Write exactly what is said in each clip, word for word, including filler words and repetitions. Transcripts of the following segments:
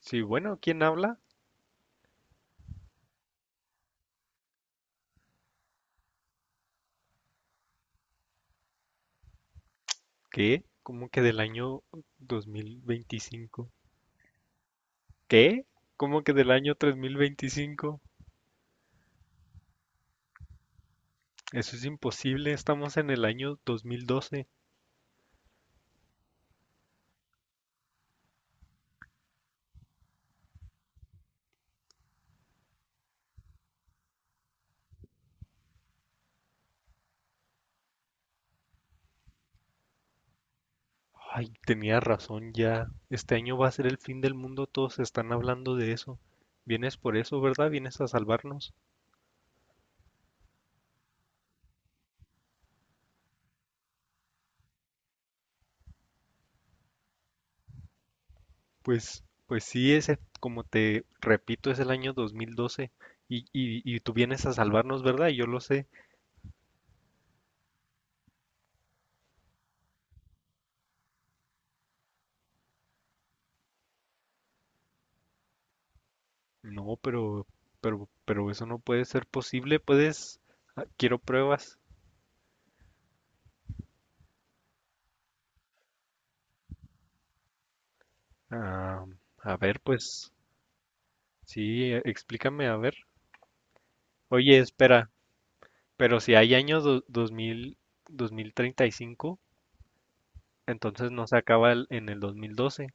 Sí, bueno, ¿quién habla? ¿Qué? ¿Cómo que del año dos mil veinticinco? ¿Qué? ¿Cómo que del año tres mil veinticinco? Eso es imposible, estamos en el año dos mil doce. Ay, tenía razón ya. Este año va a ser el fin del mundo, todos están hablando de eso. Vienes por eso, ¿verdad? Vienes a salvarnos. Pues, pues sí, ese, como te repito, es el año dos mil doce y, y, y tú vienes a salvarnos, ¿verdad? Y yo lo sé. No, pero, pero, pero eso no puede ser posible, puedes, ah, quiero pruebas. Ah, a ver, pues, sí, eh, explícame, a ver. Oye, espera, pero si hay año do- dos mil, dos mil treinta y cinco, entonces no se acaba el- en el dos mil doce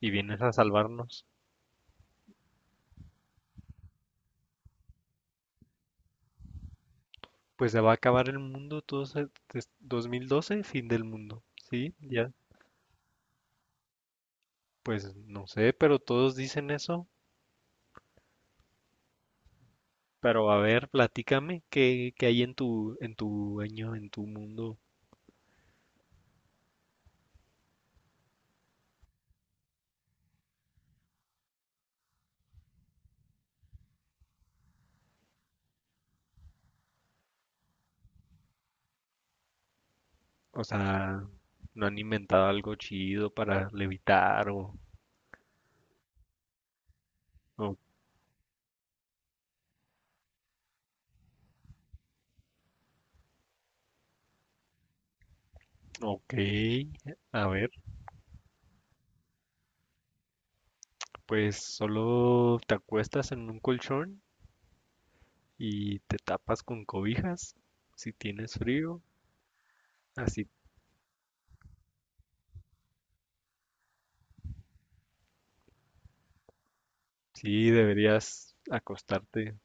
y vienes a salvarnos. Pues se va a acabar el mundo, todos, se- des- dos mil doce, fin del mundo, ¿sí? Ya, pues no sé, pero todos dicen eso. Pero a ver, platícame qué, qué hay en tu, en tu año, en tu mundo. O sea, ¿no han inventado algo chido para levitar o, o ok? A ver, pues solo te acuestas en un colchón y te tapas con cobijas si tienes frío. Así, sí deberías acostarte.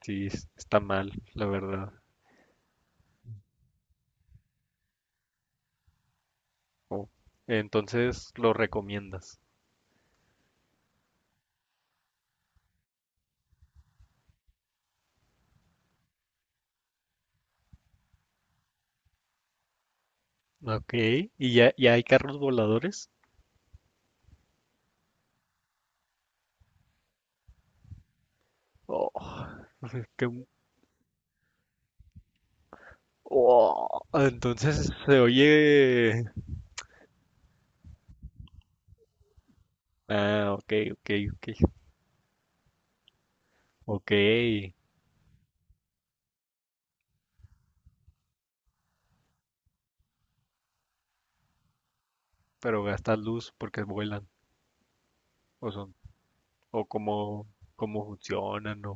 Sí, es- está mal, la verdad. O- entonces lo recomiendas. Ok, ¿y ya, ya hay carros voladores? Oh. Que un- Oh, entonces se oye. Ah, ok, ok, ok. Ok, pero gastan luz porque vuelan. O son, o cómo, cómo funcionan, o.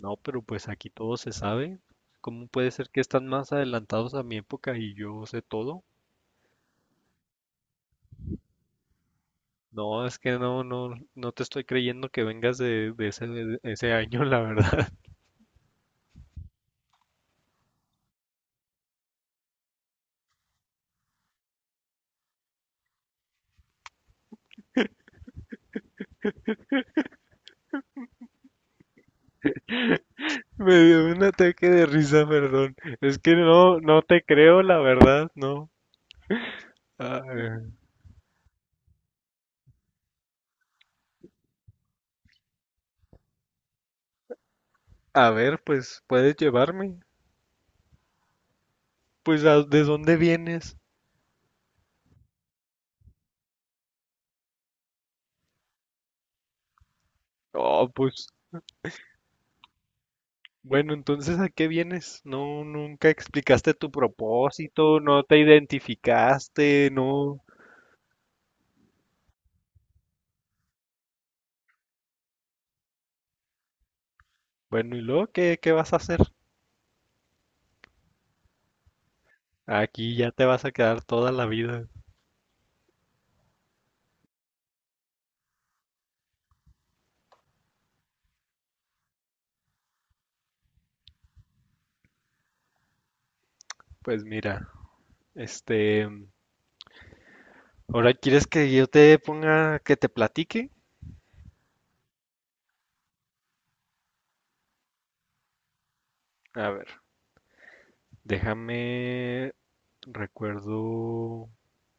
No, pero pues aquí todo se sabe. ¿Cómo puede ser que están más adelantados a mi época y yo sé todo? No, es que no, no, no te estoy creyendo que vengas de, de ese, de ese año, la verdad. Me dio un ataque de risa, perdón. Es que no, no te creo, la verdad, no. Ah, a ver, pues, ¿puedes llevarme? Pues, ¿a- ¿de dónde vienes? Oh, pues, bueno, entonces, ¿a qué vienes? No, nunca explicaste tu propósito, no te identificaste, no. Bueno, ¿y luego qué, qué vas a hacer? Aquí ya te vas a quedar toda la vida. Pues mira, este, ¿ahora quieres que yo te ponga, que te platique? A ver, déjame, recuerdo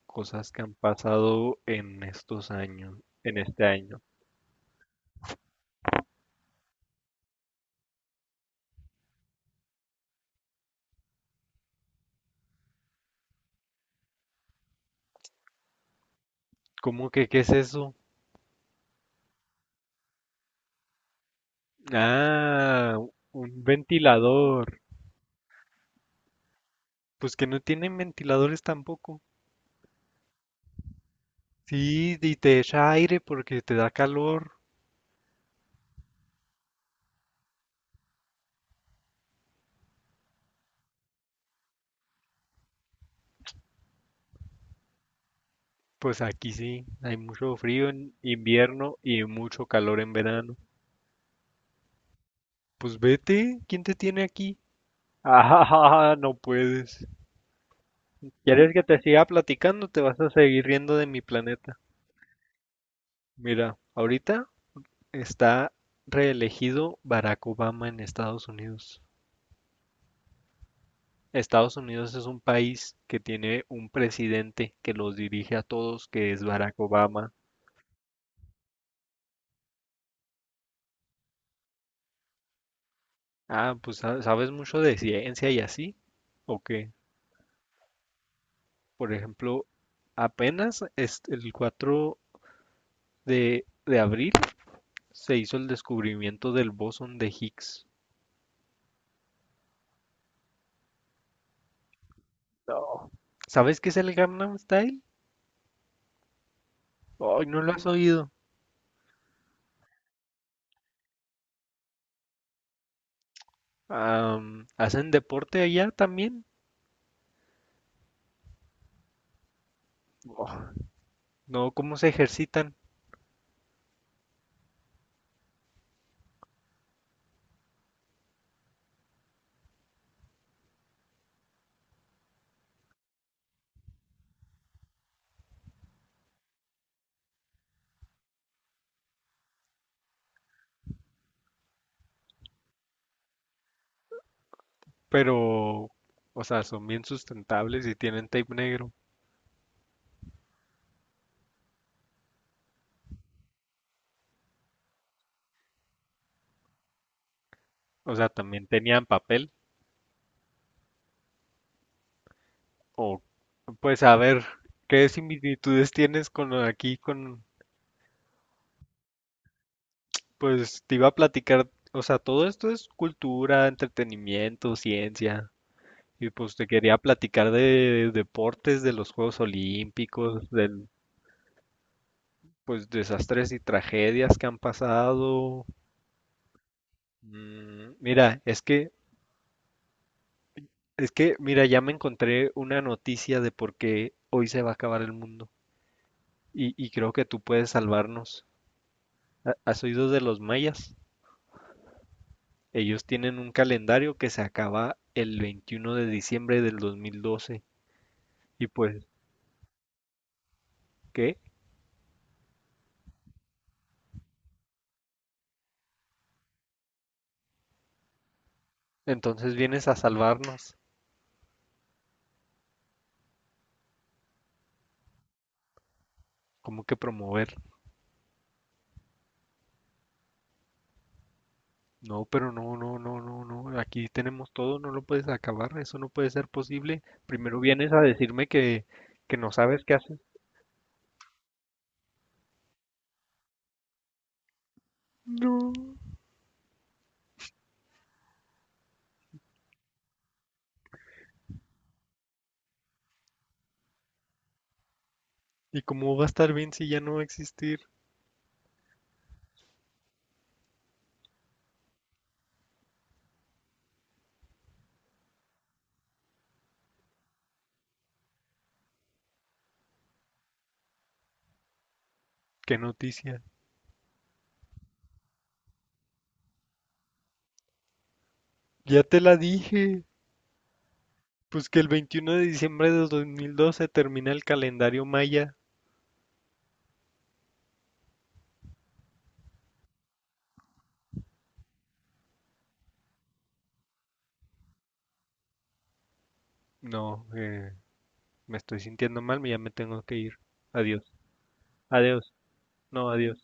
cosas que han pasado en estos años, en este año. ¿Cómo que qué es eso? Ah, un ventilador. Pues que no tienen ventiladores tampoco. Sí, y te echa aire porque te da calor. Pues aquí sí, hay mucho frío en invierno y mucho calor en verano. Pues vete, ¿quién te tiene aquí? Ah, no puedes. ¿Quieres que te siga platicando? Te vas a seguir riendo de mi planeta. Mira, ahorita está reelegido Barack Obama en Estados Unidos. Estados Unidos es un país que tiene un presidente que los dirige a todos, que es Barack Obama. Ah, pues sa- ¿sabes mucho de ciencia y así, o qué? Por ejemplo, apenas es- el cuatro de, de abril se hizo el descubrimiento del bosón de Higgs. No. ¿Sabes qué es el Gangnam Style? Ay, no lo has oído. Am, ¿hacen deporte allá también? Oh, no, ¿cómo se ejercitan? Pero, o sea, son bien sustentables y tienen tape negro. O sea, también tenían papel. O, pues, a ver, ¿qué similitudes tienes con aquí con, pues, te iba a platicar, o sea, todo esto es cultura, entretenimiento, ciencia. Y pues te quería platicar de deportes, de los Juegos Olímpicos, del, pues, desastres y tragedias que han pasado. Mm, Mira, es que Es que, mira, ya me encontré una noticia de por qué hoy se va a acabar el mundo. Y, y creo que tú puedes salvarnos. ¿Ha- ¿Has oído de los mayas? Ellos tienen un calendario que se acaba el veintiuno de diciembre del dos mil doce. Y pues, ¿qué? Entonces vienes a salvarnos. ¿Cómo que promover? No, pero no, no, no, no, no. Aquí tenemos todo, no lo puedes acabar. Eso no puede ser posible. Primero vienes a decirme que, que, no sabes qué haces. No. ¿Y cómo va a estar bien si ya no va a existir? ¿Qué noticia? Ya te la dije. Pues que el veintiuno de diciembre de dos mil doce termina el calendario maya. No, eh, me estoy sintiendo mal, ya me tengo que ir. Adiós. Adiós. No, adiós.